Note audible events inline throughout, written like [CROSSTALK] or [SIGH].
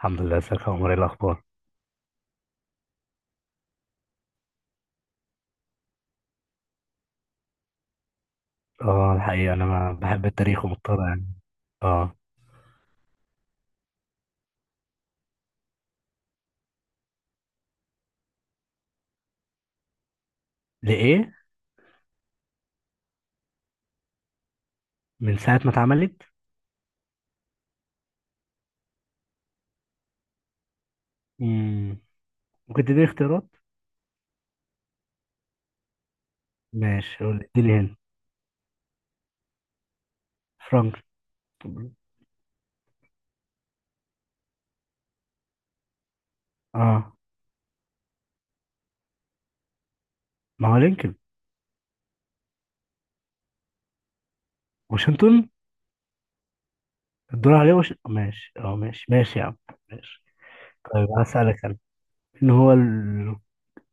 الحمد لله، ازيك يا عمر، ايه الاخبار؟ اه الحقيقه انا ما بحب التاريخ ومضطر يعني. اه لايه. من ساعه ما اتعملت. مم. ممكن تديني اختيارات؟ ماشي قول لي، اديني هنا. فرانك. اه. ما هو لينكولن. واشنطن. الدور عليه ماشي. اه ماشي يا عم. ماشي. طيب هسألك انا، مين هو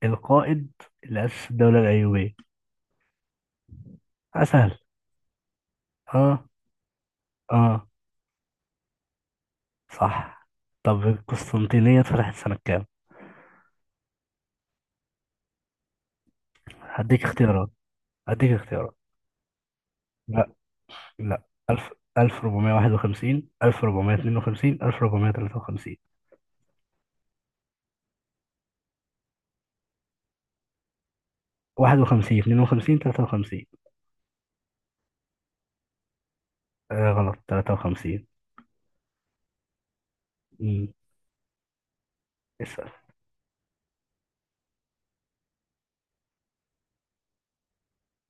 القائد اللي أسس الدولة الأيوبية؟ أسهل. اه. اه. صح. طب القسطنطينية اتفتحت سنة كام؟ هديك اختيارات هديك اختيارات. لا، 1000، 1451، 1452، 1453. 51، 52، 53. آه غلط، 53. امم اسأل.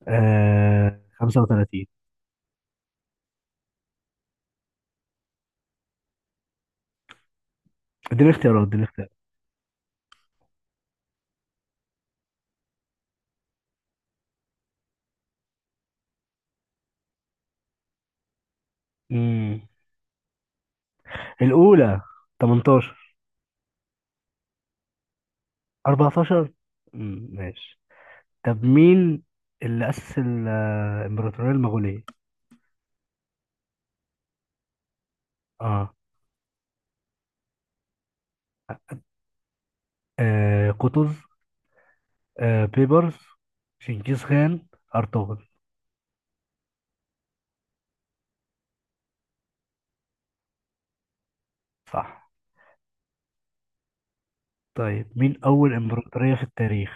آه، 35. اديني اختيارات. امم الأولى، 18، 14. امم. ماشي. طب مين اللي أسس الإمبراطورية المغولية؟ اه. آه قطز، آه بيبرز، شنكيز خان، أرطغرل. صح. طيب مين أول إمبراطورية في التاريخ؟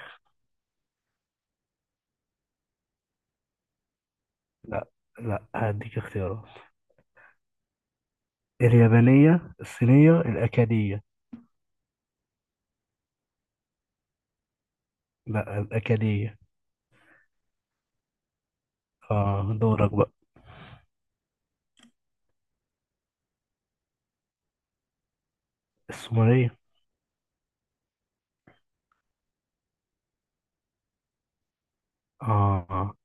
لا. لا هديك اختيارات. اليابانية، الصينية، الأكادية. لا، الأكادية. آه دورك بقى. السومرية. آه آه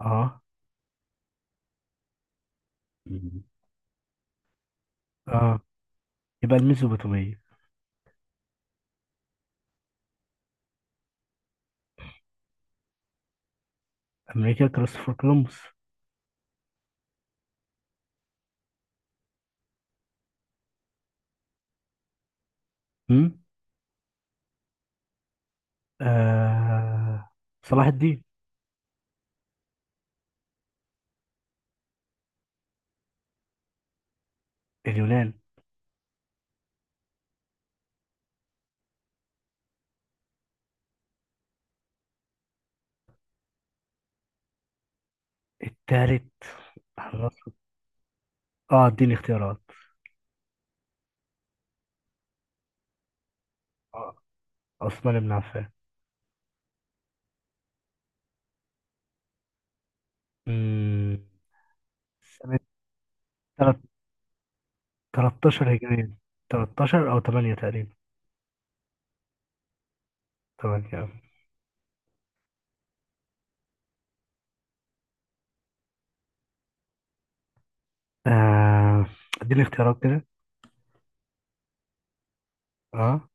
آه. مم. آه يبقى الميزوبوتامية. أمريكا كريستوفر كولومبوس. هم؟ آه صلاح الدين. اليونان. التالت. خلاص. آه اديني اختيارات. آه عثمان بن عفان. مم. سنة 13 هجرية. 13 أو 8 تقريبا. 8. أه آه، اديني اختيارات كده. اه.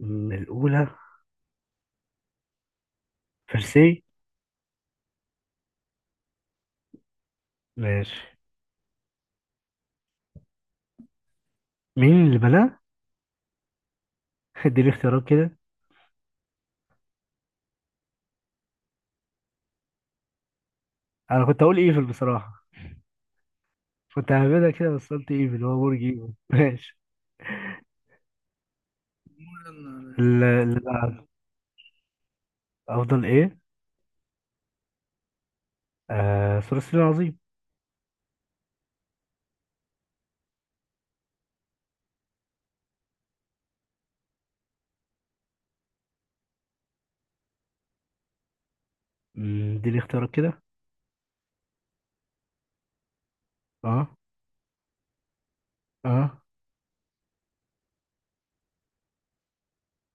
الأولى. فرسي. ماشي. مين اللي بناه؟ [LAUGHS] اديني اختيارات كده. أنا كنت أقول إيفل بصراحة. كنت هعملها كده بس قلت إيفل هو برج إيفل. [LAUGHS] ماشي. استنى ال- أفضل إيه؟ آه ثلاثي العظيم. اديني اختيارات كده. اه اه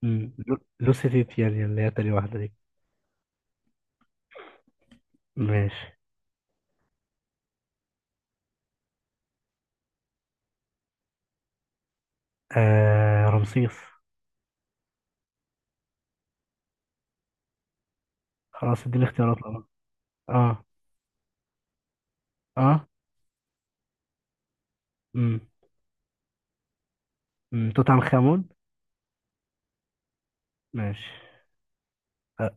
لوسيتيت يعني اللي هي تاني واحدة دي. ماشي. آه رمسيس. خلاص اديني اختيارات. اه اه اه. امم أمم. توت عنخ امون. ماشي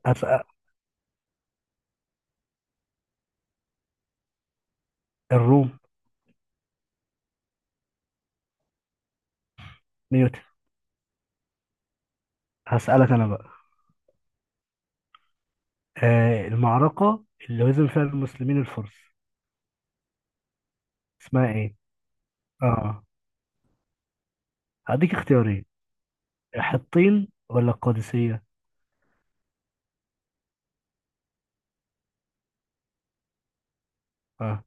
هسأل. الروم. نيوتن. هسألك انا بقى. آه المعركة اللي هزم فيها المسلمين الفرس، اسمها ايه؟ اه. هديك اختيارين، حطين ولا القادسية؟ اه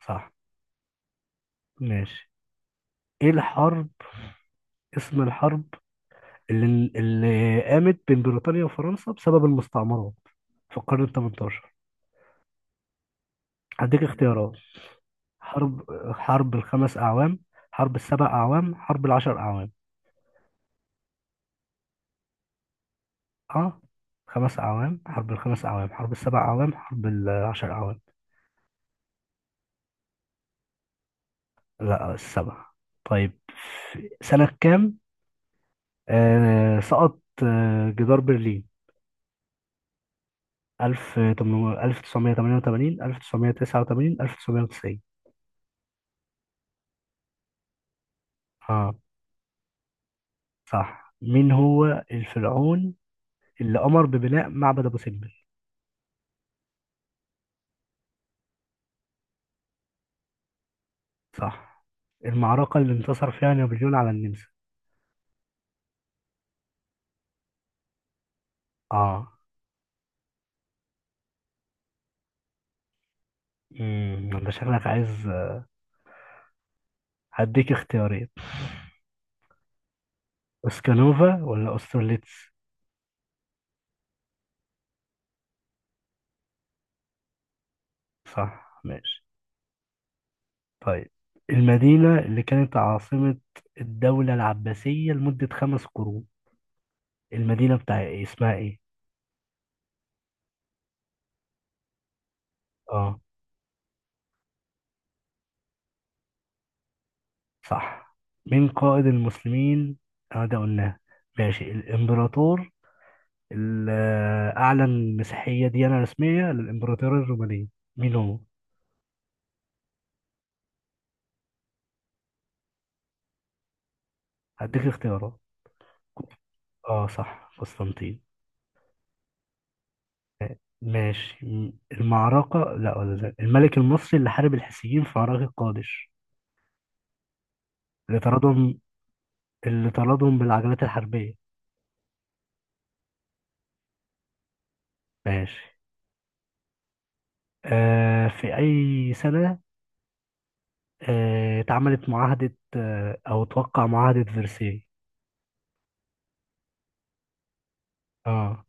صح. ماشي. ايه الحرب، اسم الحرب اللي قامت بين بريطانيا وفرنسا بسبب المستعمرات في القرن ال 18؟ هديك اختيارات. حرب حرب الـ5 اعوام، حرب الـ7 اعوام، حرب الـ10 اعوام. اه 5 أعوام، حرب الـ5 أعوام، حرب الـ7 أعوام، حرب الـ10 أعوام. لا السبع. طيب في سنة كام سقط جدار برلين؟ 1988، 1989، 1990. اه صح. مين هو الفرعون اللي أمر ببناء معبد أبو سمبل؟ صح. المعركة اللي انتصر فيها نابليون على النمسا. اه. انت شكلك عايز. هديك اختيارين، اسكانوفا ولا أسترليتس؟ صح. ماشي. طيب المدينة اللي كانت عاصمة الدولة العباسية لمدة 5 قرون، المدينة بتاع إيه؟ اسمها ايه؟ اه صح. مين قائد المسلمين؟ اه ده قلناه. ماشي. الإمبراطور اللي أعلن مسيحية ديانة رسمية للإمبراطورية الرومانية، مين هو؟ هديك اختيارات. اه صح قسطنطين. ماشي. المعركة، لا، ولا لا، الملك المصري اللي حارب الحيثيين في معركة قادش، اللي طردهم اللي طردهم بالعجلات الحربية. ماشي. آه في أي سنة اتعملت معاهدة، أو توقع معاهدة فرساي؟ اه.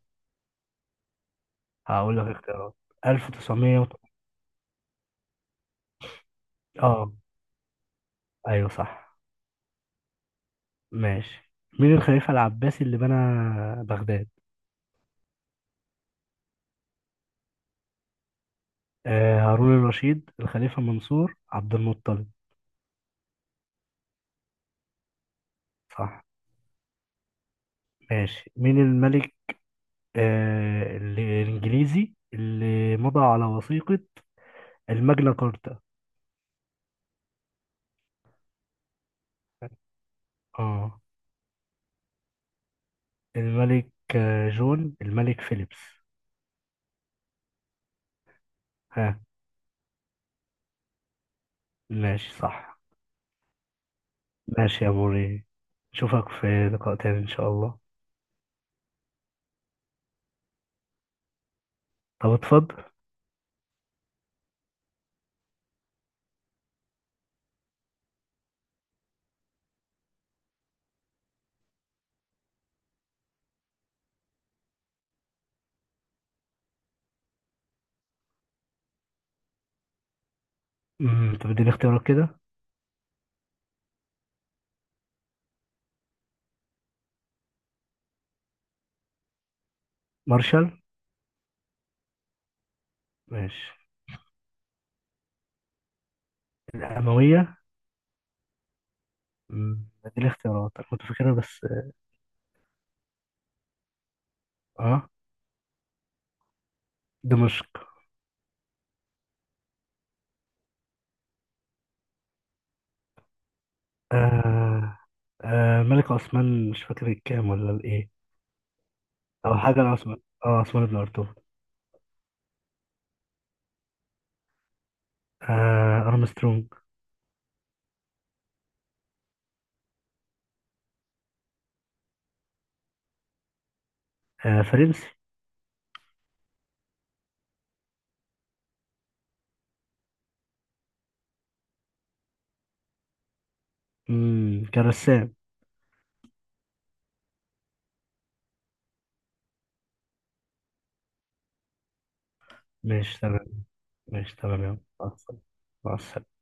هقول لك اختيارات. 1900. اه أيوه صح. ماشي. مين الخليفة العباسي اللي بنى بغداد؟ آه هارون الرشيد، الخليفة منصور، عبد المطلب. صح. ماشي. مين الملك الإنجليزي اللي مضى على وثيقة الماجنا كارتا؟ اه. الملك جون، الملك فيليبس. ها. ماشي صح. ماشي يا موري، اشوفك في لقاء تاني ان شاء الله. طب اتفضل. طب اديني اختيارات كده. مارشال. ماشي. الأموية. اديني اختيارات، انا كنت فاكرها بس. اه. دمشق. آه. آه. ملك عثمان، مش فاكر الكام ولا الايه، او حاجة العثمان. اه عثمان بن ارطغرل. آه. ارمسترونج. آه. فرنسي. مم. كان رسام. ماشي تمام. ماشي تمام يا عم، مع السلامة. مع السلامة.